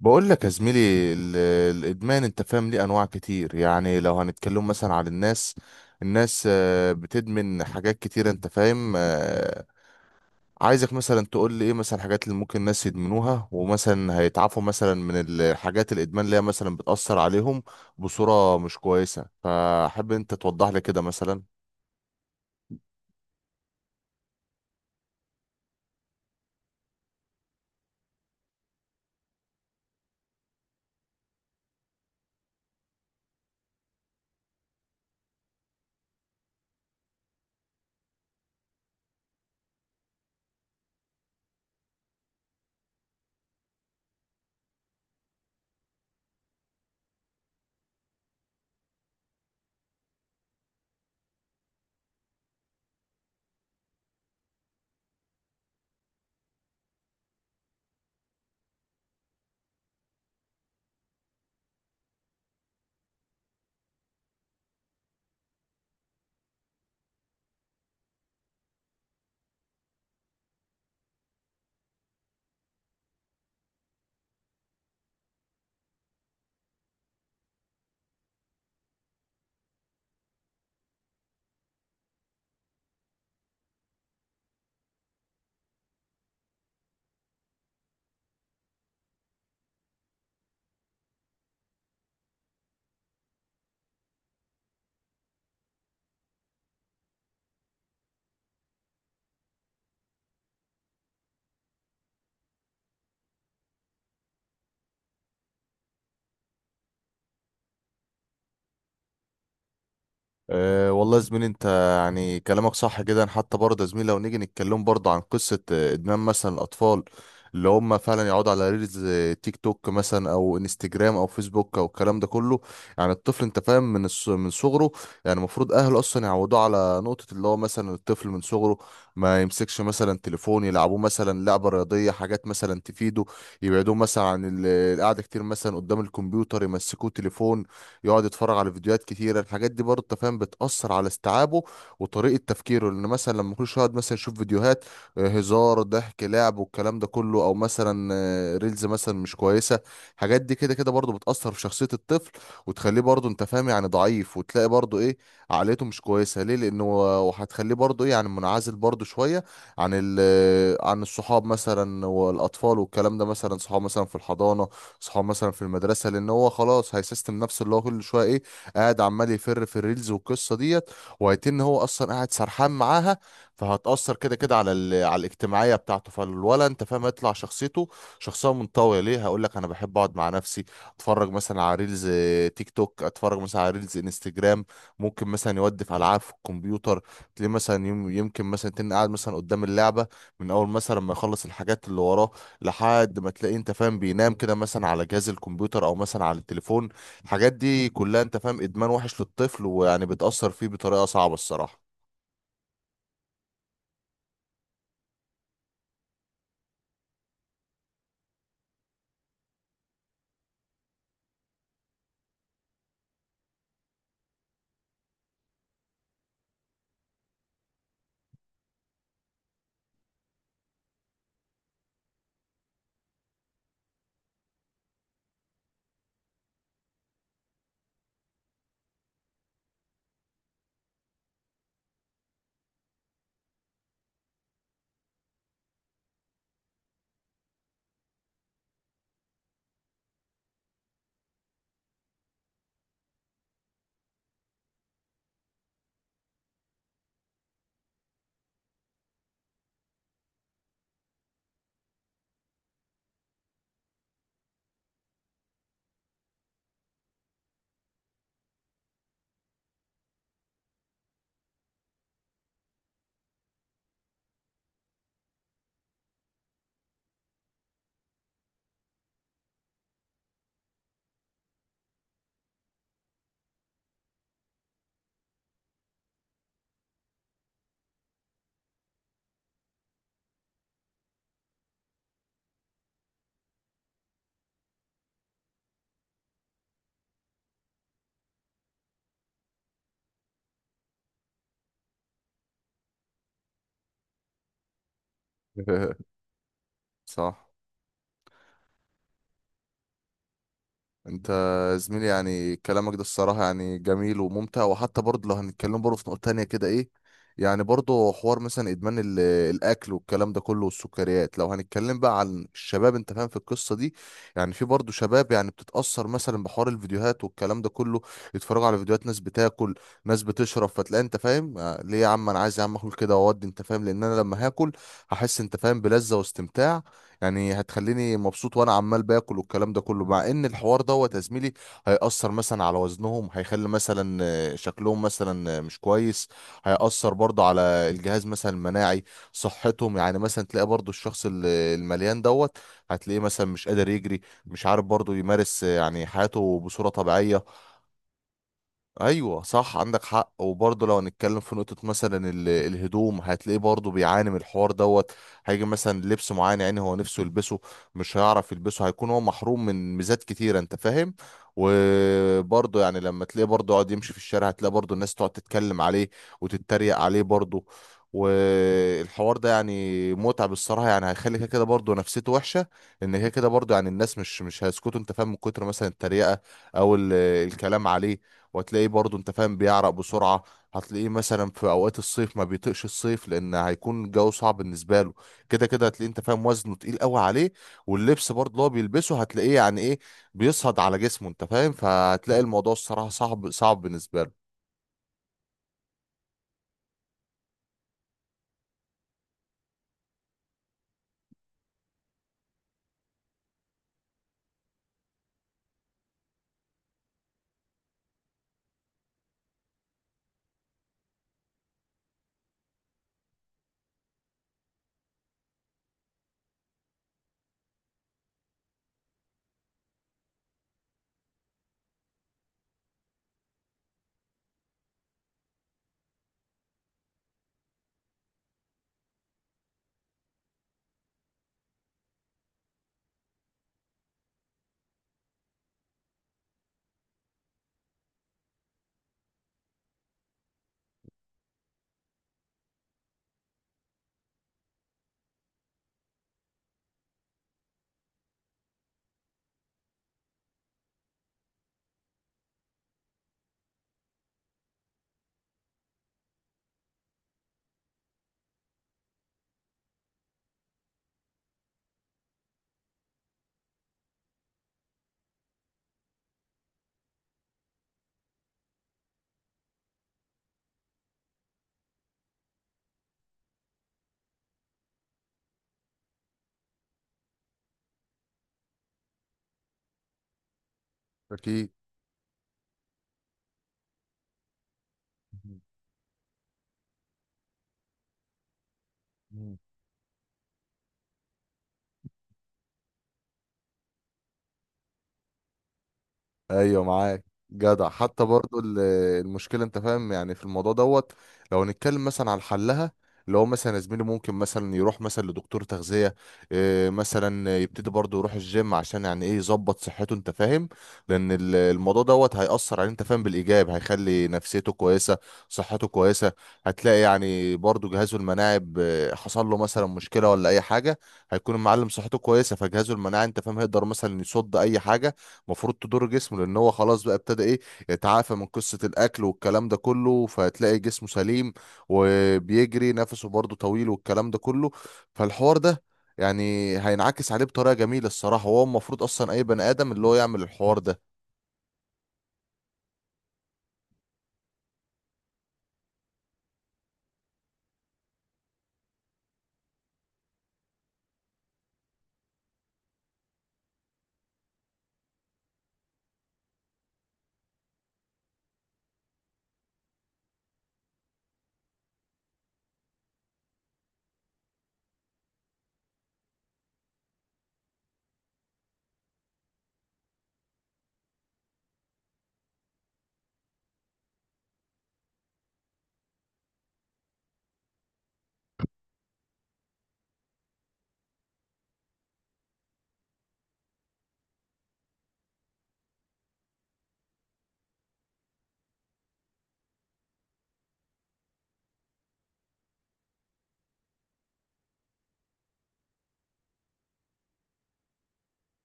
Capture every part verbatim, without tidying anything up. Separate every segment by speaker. Speaker 1: بقول لك يا زميلي، ال- الادمان، انت فاهم، ليه انواع كتير. يعني لو هنتكلم مثلا عن الناس الناس آه، بتدمن حاجات كتير، انت فاهم. آه، عايزك مثلا تقول لي ايه مثلا الحاجات اللي ممكن الناس يدمنوها، ومثلا هيتعافوا مثلا من الحاجات، الادمان اللي هي مثلا بتأثر عليهم بصورة مش كويسة، فحب انت توضح لي كده مثلا. أه والله يا زميلي، انت يعني كلامك صح جدا. حتى برضه يا زميلي لو نيجي نتكلم برضه عن قصة آه، ادمان مثلا الاطفال اللي هم فعلا يقعدوا على ريلز، آه، تيك توك مثلا، او انستجرام او فيسبوك او الكلام ده كله. يعني الطفل انت فاهم من الص- من صغره، يعني المفروض اهله اصلا يعودوه على نقطة، اللي هو مثلا الطفل من صغره ما يمسكش مثلا تليفون، يلعبوه مثلا لعبة رياضية، حاجات مثلا تفيده، يبعدوه مثلا عن ال- القعدة كتير مثلا قدام الكمبيوتر، يمسكوه تليفون يقعد يتفرج على فيديوهات كتيرة. الحاجات دي برضه أنت فاهم بتأثر على استيعابه وطريقة تفكيره، لأن مثلا لما كل شوية يقعد مثلا يشوف فيديوهات آه، هزار ضحك لعب والكلام ده كله، أو مثلا آه، ريلز مثلا مش كويسة، الحاجات دي كده كده برضه بتأثر في شخصية الطفل، وتخليه برضه أنت فاهم يعني ضعيف، وتلاقي برضه إيه، عقليته مش كويسة ليه، لأنه وهتخليه برضه إيه يعني منعزل برضه شوية عن ال آه، عن الصحاب مثلا والأطفال والكلام ده، مثلا صحاب مثلا في الحضانة، صحاب مثلا في المدرسه، لان هو خلاص هيسيستم نفسه، اللي هو كل شويه ايه، قاعد عمال يفر في الريلز والقصه ديت، وهيتن هو اصلا قاعد سرحان معاها. فهتاثر كده كده على ال... على الاجتماعيه بتاعته، فالولا انت فاهم هيطلع شخصيته شخصيه منطويه، ليه، هقول لك انا بحب اقعد مع نفسي، اتفرج مثلا على ريلز، آه، تيك توك، اتفرج مثلا على ريلز انستجرام، ممكن مثلا يودف العاب في الكمبيوتر، تلاقيه مثلا يم- يمكن مثلا تن قاعد مثلا قدام اللعبه، من اول مثلا ما يخلص الحاجات اللي وراه، لحد ما تلاقيه انت فاهم بينام كده مثلا على جهاز الكمبيوتر او مثلا على التليفون. الحاجات دي كلها انت فاهم ادمان وحش للطفل، ويعني بتأثر فيه بطريقة صعبة الصراحة. صح. انت زميلي يعني كلامك ده الصراحة يعني جميل وممتع. وحتى برضه لو هنتكلم برضه في نقطة تانية كده ايه، يعني برضه حوار مثلا ادمان ال- الاكل والكلام ده كله والسكريات. لو هنتكلم بقى عن الشباب انت فاهم في القصة دي، يعني في برضه شباب يعني بتتأثر مثلا بحوار الفيديوهات والكلام ده كله، يتفرجوا على فيديوهات ناس بتاكل ناس بتشرب، فتلاقي انت فاهم آه، ليه يا عم، انا عايز يا عم اكل كده واودي، انت فاهم، لان انا لما هاكل هحس انت فاهم بلذة واستمتاع، يعني هتخليني مبسوط وانا عمال باكل والكلام ده كله. مع ان الحوار دوت يا زميلي هيأثر مثلا على وزنهم، هيخلي مثلا آه، شكلهم مثلا آه، مش كويس، هيأثر برضه على الجهاز مثلا المناعي، صحتهم، يعني مثلا تلاقي برضه الشخص ال- المليان دوت هتلاقيه مثلا مش قادر يجري، مش عارف برضه يمارس آه، يعني حياته بصورة طبيعية. ايوه صح، عندك حق. وبرضه لو هنتكلم في نقطه مثلا ال- الهدوم، هتلاقيه برضه بيعاني من الحوار دوت، هيجي مثلا لبس معين يعني هو نفسه يلبسه، مش هيعرف يلبسه، هيكون هو محروم من ميزات كتيره انت فاهم. وبرضه يعني لما تلاقيه برضه يقعد يمشي في الشارع، هتلاقي برضه الناس تقعد تتكلم عليه وتتريق عليه برضه، والحوار ده يعني متعب الصراحه، يعني هيخلي كده كده برضه نفسيته وحشه، ان كده كده برضه يعني الناس مش مش هيسكتوا انت فاهم من كتر مثلا التريقه او ال- الكلام عليه. وهتلاقيه برضو انت فاهم بيعرق بسرعة، هتلاقيه مثلا في اوقات الصيف ما بيطيقش الصيف، لان هيكون الجو صعب بالنسبة له، كده كده هتلاقيه انت فاهم وزنه تقيل قوي عليه، واللبس برضو اللي هو بيلبسه هتلاقيه يعني ايه، بيصهد على جسمه انت فاهم. فهتلاقي الموضوع الصراحة صعب صعب بالنسبة له. أكيد. ايوه معاك، جدع. حتى برضو ال- المشكله انت فاهم يعني في الموضوع دوت، لو هنتكلم مثلا على حلها، اللي هو مثلا يا زميلي ممكن مثلا يروح مثلا لدكتور تغذيه، إيه، مثلا يبتدي برضو يروح الجيم، عشان يعني ايه يظبط صحته انت فاهم، لان ال- الموضوع دوت هيأثر عليه انت فاهم بالايجاب، هيخلي نفسيته كويسه، صحته كويسه. هتلاقي يعني برضو جهازه المناعي، ب- حصل له مثلا مشكله ولا اي حاجه، هيكون المعلم صحته كويسه، فجهازه المناعي انت فاهم هيقدر مثلا يصد اي حاجه المفروض تضر جسمه، لان هو خلاص بقى ابتدى ايه، يتعافى من قصة الاكل والكلام ده كله. فهتلاقي جسمه سليم، وبيجري نفسه برضه طويل والكلام ده كله. فالحوار ده يعني هينعكس عليه بطريقة جميلة الصراحة. وهو المفروض اصلا اي بني ادم اللي هو يعمل الحوار ده.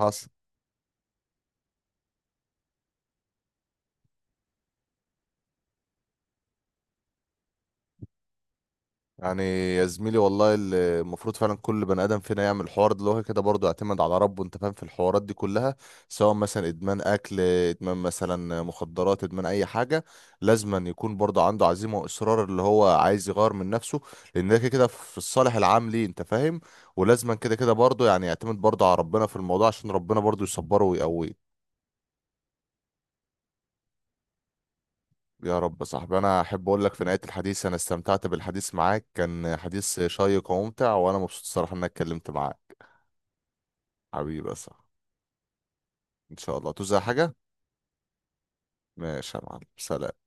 Speaker 1: حصل. يعني يا زميلي والله اللي المفروض فعلا كل بني ادم فينا يعمل الحوار ده، اللي هو كده برضه يعتمد على ربه انت فاهم في الحوارات دي كلها، سواء مثلا ادمان اكل، ادمان مثلا مخدرات، ادمان اي حاجه. لازم أن يكون برضه عنده عزيمه واصرار اللي هو عايز يغير من نفسه، لان ده كده كده في الصالح العام ليه انت فاهم. ولازم كده كده برضه يعني يعتمد برضه على ربنا في الموضوع، عشان ربنا برضه يصبره ويقويه. يا رب. يا صاحبي انا احب اقول لك في نهايه الحديث، انا استمتعت بالحديث معاك، كان حديث شيق وممتع، وانا مبسوط الصراحه ان انا اتكلمت معاك. حبيبي. صح، ان شاء الله توزع حاجة. ماشي يا معلم، سلام.